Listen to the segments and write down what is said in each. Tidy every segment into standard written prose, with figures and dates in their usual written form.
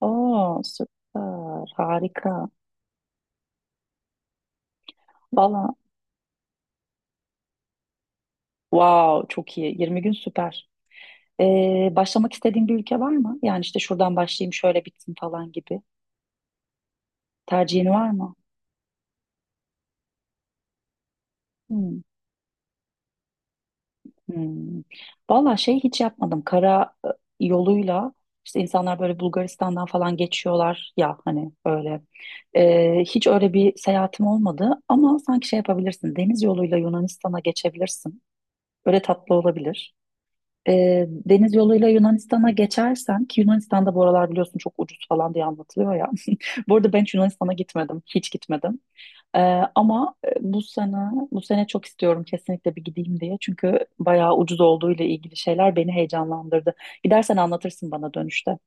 Oo, süper. Harika. Valla wow çok iyi. 20 gün süper. Başlamak istediğin bir ülke var mı? Yani işte şuradan başlayayım şöyle bitsin falan gibi. Tercihin var mı? Hmm. Hmm. Valla şey hiç yapmadım. Kara yoluyla işte insanlar böyle Bulgaristan'dan falan geçiyorlar ya hani öyle. Hiç öyle bir seyahatim olmadı ama sanki şey yapabilirsin. Deniz yoluyla Yunanistan'a geçebilirsin. Böyle tatlı olabilir. Deniz yoluyla Yunanistan'a geçersen ki Yunanistan'da bu aralar biliyorsun çok ucuz falan diye anlatılıyor ya. Bu arada ben hiç Yunanistan'a gitmedim. Hiç gitmedim. E, ama e, bu sene bu sene çok istiyorum kesinlikle bir gideyim diye. Çünkü bayağı ucuz olduğu ile ilgili şeyler beni heyecanlandırdı. Gidersen anlatırsın bana dönüşte.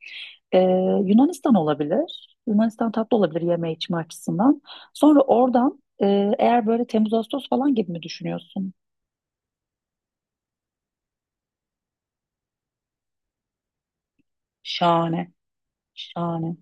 E, Yunanistan olabilir. Yunanistan tatlı olabilir yeme içme açısından. Sonra oradan eğer böyle Temmuz Ağustos falan gibi mi düşünüyorsun? Şahane. Şahane.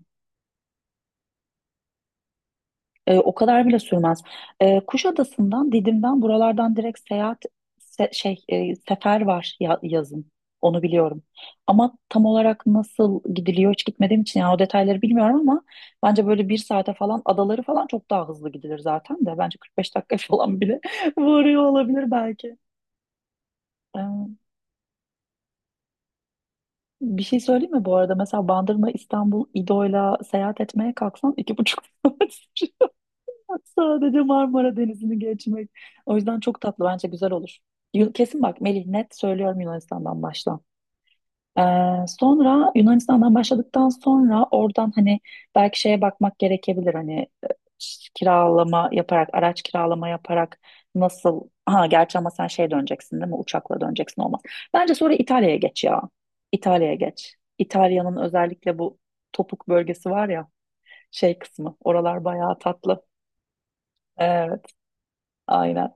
O kadar bile sürmez. Kuşadası'ndan, Didim'den buralardan direkt seyahat se- şey e, sefer var yazın. Onu biliyorum. Ama tam olarak nasıl gidiliyor hiç gitmediğim için yani o detayları bilmiyorum ama bence böyle bir saate falan adaları falan çok daha hızlı gidilir zaten de. Bence 45 dakika falan bile varıyor olabilir belki. E, Bir şey söyleyeyim mi bu arada? Mesela Bandırma, İstanbul, İdo'yla seyahat etmeye kalksan 2,5 saat. Sadece Marmara Denizi'ni geçmek. O yüzden çok tatlı bence güzel olur. Kesin bak Melih net söylüyorum Yunanistan'dan başla. Ee, Sonra Yunanistan'dan başladıktan sonra oradan hani belki şeye bakmak gerekebilir hani kiralama yaparak araç kiralama yaparak nasıl ha gerçi ama sen şey döneceksin değil mi uçakla döneceksin olmaz. Bence sonra İtalya'ya geç ya. İtalya'ya geç. İtalya'nın özellikle bu topuk bölgesi var ya şey kısmı oralar bayağı tatlı. Evet. Aynen.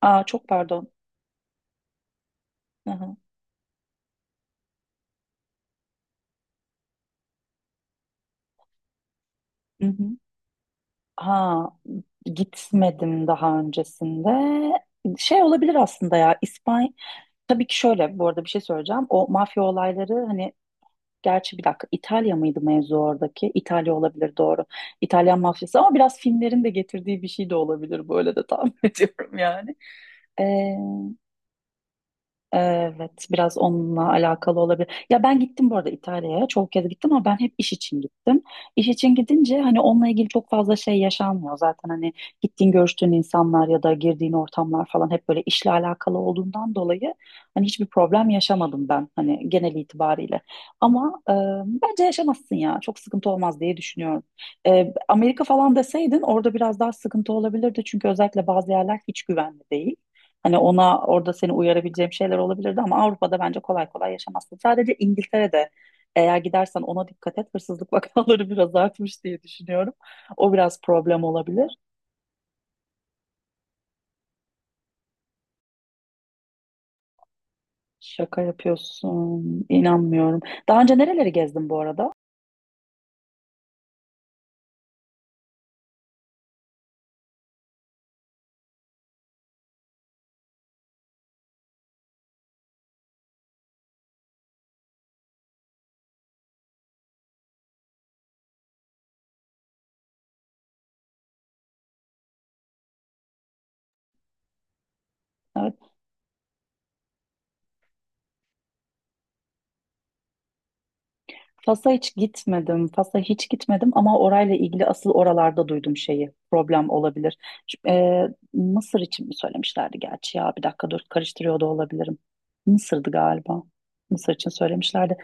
Aa, çok pardon. Hı hı. Hı hı. Ha, Gitmedim daha öncesinde. Şey olabilir aslında ya İspanya. Tabii ki şöyle bu arada bir şey söyleyeceğim. O mafya olayları hani gerçi bir dakika İtalya mıydı mevzu oradaki? İtalya olabilir doğru. İtalyan mafyası ama biraz filmlerin de getirdiği bir şey de olabilir. Böyle de tahmin ediyorum yani. Evet, biraz onunla alakalı olabilir. Ya ben gittim bu arada İtalya'ya. Çok kez gittim ama ben hep iş için gittim. İş için gidince hani onunla ilgili çok fazla şey yaşanmıyor. Zaten hani gittiğin görüştüğün insanlar ya da girdiğin ortamlar falan hep böyle işle alakalı olduğundan dolayı hani hiçbir problem yaşamadım ben hani genel itibariyle. Ama e, bence yaşamazsın ya. Çok sıkıntı olmaz diye düşünüyorum. Amerika falan deseydin orada biraz daha sıkıntı olabilirdi. Çünkü özellikle bazı yerler hiç güvenli değil. Hani ona orada seni uyarabileceğim şeyler olabilirdi ama Avrupa'da bence kolay kolay yaşamazsın. Sadece İngiltere'de eğer gidersen ona dikkat et. Hırsızlık vakaları biraz artmış diye düşünüyorum. O biraz problem olabilir. Şaka yapıyorsun. İnanmıyorum. Daha önce nereleri gezdin bu arada? Evet. Fas'a hiç gitmedim. Fas'a hiç gitmedim ama orayla ilgili asıl oralarda duydum şeyi. Problem olabilir. Şu- e, Mısır için mi söylemişlerdi gerçi ya? Bir dakika dur karıştırıyor da olabilirim. Mısır'dı galiba. Mısır için söylemişlerdi.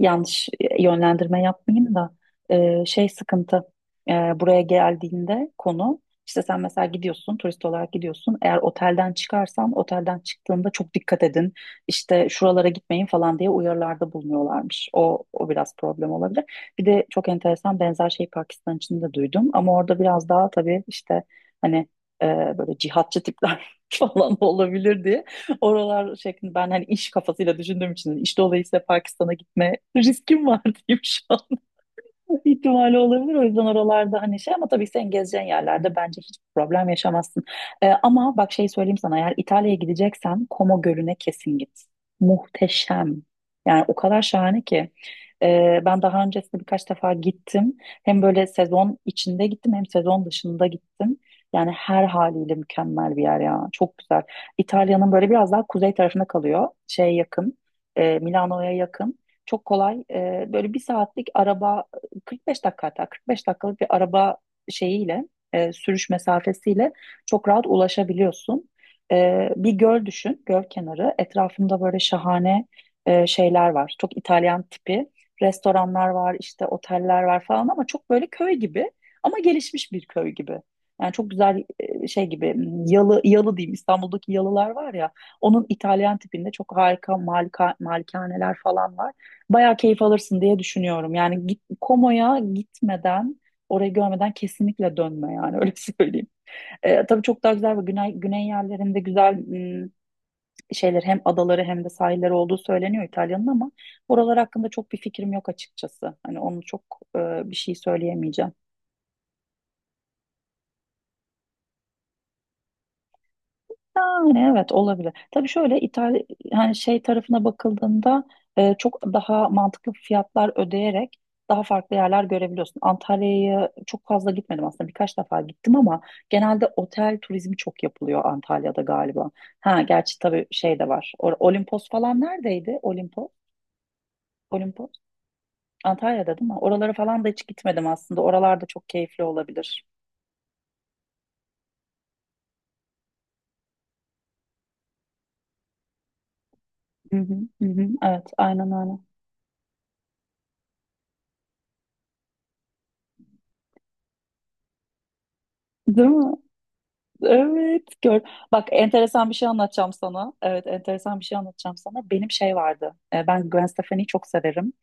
Yanlış yönlendirme yapmayayım da şey sıkıntı. Buraya geldiğinde konu işte sen mesela gidiyorsun turist olarak gidiyorsun. Eğer otelden çıkarsan otelden çıktığında çok dikkat edin işte şuralara gitmeyin falan diye uyarılarda bulunuyorlarmış. O biraz problem olabilir. Bir de çok enteresan benzer şey Pakistan için de duydum. Ama orada biraz daha tabii işte hani e, böyle cihatçı tipler falan olabilir diye. Oralar şeklinde ben hani iş kafasıyla düşündüğüm için iş dolayısıyla Pakistan'a gitme riskim var diyeyim şu an ihtimali olabilir. O yüzden oralarda hani şey ama tabii sen gezeceğin yerlerde bence hiçbir problem yaşamazsın. Ama bak şey söyleyeyim sana eğer İtalya'ya gideceksen Como Gölü'ne kesin git. Muhteşem. Yani o kadar şahane ki. Ben daha öncesinde birkaç defa gittim. Hem böyle sezon içinde gittim hem sezon dışında gittim. Yani her haliyle mükemmel bir yer ya. Çok güzel. İtalya'nın böyle biraz daha kuzey tarafına kalıyor. Şeye yakın. Milano'ya yakın. Çok kolay. Böyle bir saatlik araba 45 dakika hatta 45 dakikalık bir araba şeyiyle sürüş mesafesiyle çok rahat ulaşabiliyorsun. Bir göl düşün, göl kenarı. Etrafında böyle şahane şeyler var. Çok İtalyan tipi restoranlar var, işte oteller var falan ama çok böyle köy gibi ama gelişmiş bir köy gibi. Yani çok güzel şey gibi yalı diyeyim İstanbul'daki yalılar var ya onun İtalyan tipinde çok harika malikaneler falan var bayağı keyif alırsın diye düşünüyorum. Yani git, Komo'ya gitmeden, orayı görmeden kesinlikle dönme yani öyle söyleyeyim. Tabii çok daha güzel ve güney yerlerinde güzel şeyler hem adaları hem de sahilleri olduğu söyleniyor İtalya'nın ama oralar hakkında çok bir fikrim yok açıkçası. Hani onu çok e, bir şey söyleyemeyeceğim. Yani evet olabilir. Tabii şöyle İtalya hani şey tarafına bakıldığında çok daha mantıklı fiyatlar ödeyerek daha farklı yerler görebiliyorsun. Antalya'ya çok fazla gitmedim aslında birkaç defa gittim ama genelde otel turizmi çok yapılıyor Antalya'da galiba. Ha gerçi tabii şey de var. Olimpos falan neredeydi? Olimpos? Olimpos? Antalya'da değil mi? Oralara falan da hiç gitmedim aslında. Oralar da çok keyifli olabilir. Hı hı, hı hı. Evet aynen öyle. Değil mi? Evet, gör. Bak enteresan bir şey anlatacağım sana. Evet, enteresan bir şey anlatacağım sana. Benim şey vardı. Ben Gwen Stefani'yi çok severim.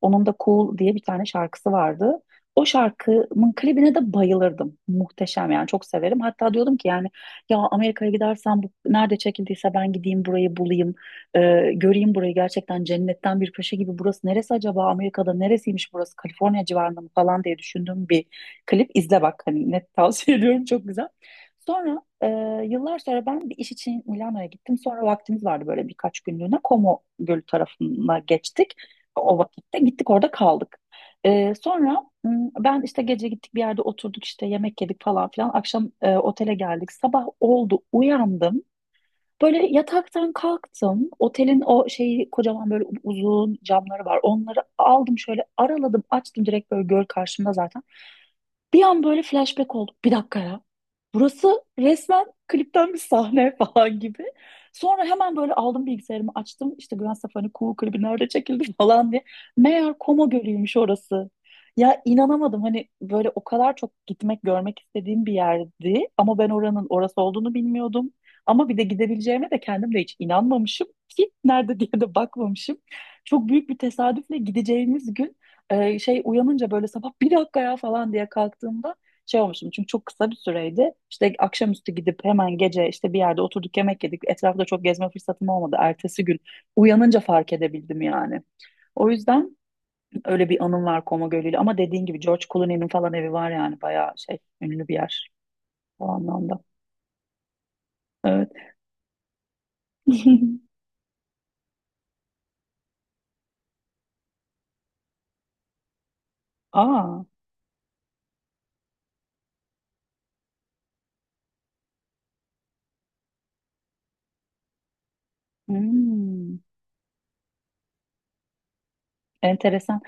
Onun da Cool diye bir tane şarkısı vardı. O şarkımın klibine de bayılırdım. Muhteşem yani çok severim. Hatta diyordum ki yani ya Amerika'ya gidersem bu nerede çekildiyse ben gideyim burayı bulayım. Göreyim burayı gerçekten cennetten bir köşe gibi. Burası neresi acaba Amerika'da neresiymiş burası Kaliforniya civarında mı falan diye düşündüğüm bir klip. İzle bak hani net tavsiye ediyorum çok güzel. Sonra yıllar sonra ben bir iş için Milano'ya gittim. Sonra vaktimiz vardı böyle birkaç günlüğüne. Como Gölü tarafına geçtik. O vakitte gittik orada kaldık. Sonra ben işte gece gittik bir yerde oturduk işte yemek yedik falan filan. Akşam otele geldik. Sabah oldu uyandım. Böyle yataktan kalktım. Otelin o şeyi kocaman böyle uzun camları var. Onları aldım şöyle araladım açtım direkt böyle göl karşımda zaten. Bir an böyle flashback oldu. Bir dakika ya. Burası resmen klipten bir sahne falan gibi. Sonra hemen böyle aldım bilgisayarımı açtım. İşte Gwen Stefani Cool klibi nerede çekildi falan diye. Meğer Koma Gölü'ymüş orası. Ya inanamadım hani böyle o kadar çok gitmek görmek istediğim bir yerdi. Ama ben oranın orası olduğunu bilmiyordum. Ama bir de gidebileceğime de kendim de hiç inanmamışım ki nerede diye de bakmamışım. Çok büyük bir tesadüfle gideceğimiz gün şey uyanınca böyle sabah bir dakika ya falan diye kalktığımda şey olmuştum. Çünkü çok kısa bir süreydi. İşte akşamüstü gidip hemen gece işte bir yerde oturduk yemek yedik. Etrafta çok gezme fırsatım olmadı. Ertesi gün uyanınca fark edebildim yani. O yüzden öyle bir anım var Koma Gölü'yle. Ama dediğin gibi George Clooney'nin falan evi var yani bayağı şey ünlü bir yer o anlamda. Evet. Aa, hmm, enteresan.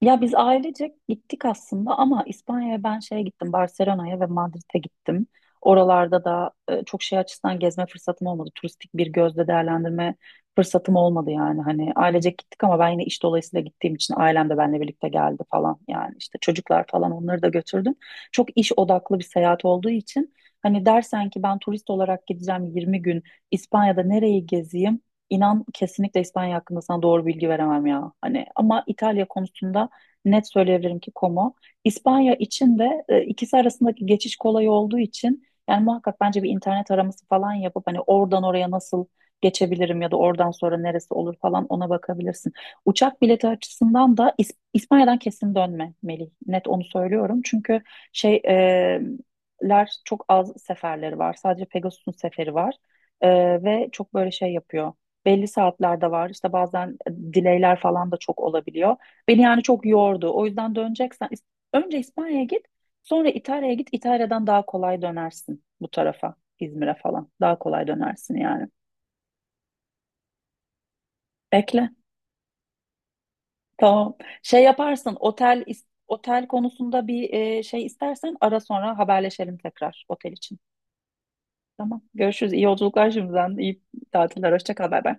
Ya biz ailecek gittik aslında ama İspanya'ya ben şeye gittim, Barcelona'ya ve Madrid'e gittim. Oralarda da çok şey açısından gezme fırsatım olmadı. Turistik bir gözle değerlendirme fırsatım olmadı yani. Hani ailecek gittik ama ben yine iş dolayısıyla gittiğim için ailem de benimle birlikte geldi falan. Yani işte çocuklar falan onları da götürdüm. Çok iş odaklı bir seyahat olduğu için hani dersen ki ben turist olarak gideceğim 20 gün İspanya'da nereyi gezeyim? İnan kesinlikle İspanya hakkında sana doğru bilgi veremem ya. Hani ama İtalya konusunda net söyleyebilirim ki Como. İspanya için de ikisi arasındaki geçiş kolay olduğu için yani muhakkak bence bir internet araması falan yapıp hani oradan oraya nasıl geçebilirim ya da oradan sonra neresi olur falan ona bakabilirsin. Uçak bileti açısından da İspanya'dan kesin dönme Melih. Net onu söylüyorum. Çünkü şey e, ler çok az seferleri var. Sadece Pegasus'un seferi var. E, Ve çok böyle şey yapıyor. Belli saatlerde var. İşte bazen delay'ler falan da çok olabiliyor. Beni yani çok yordu. O yüzden döneceksen önce İspanya'ya git, sonra İtalya'ya git. İtalya'dan daha kolay dönersin bu tarafa, İzmir'e falan. Daha kolay dönersin yani. Bekle. Tamam. Şey yaparsın. Otel otel konusunda bir şey istersen ara sonra haberleşelim tekrar otel için. Tamam. Görüşürüz. İyi yolculuklar şimdiden. İyi tatiller. Hoşça kal. Bay bay.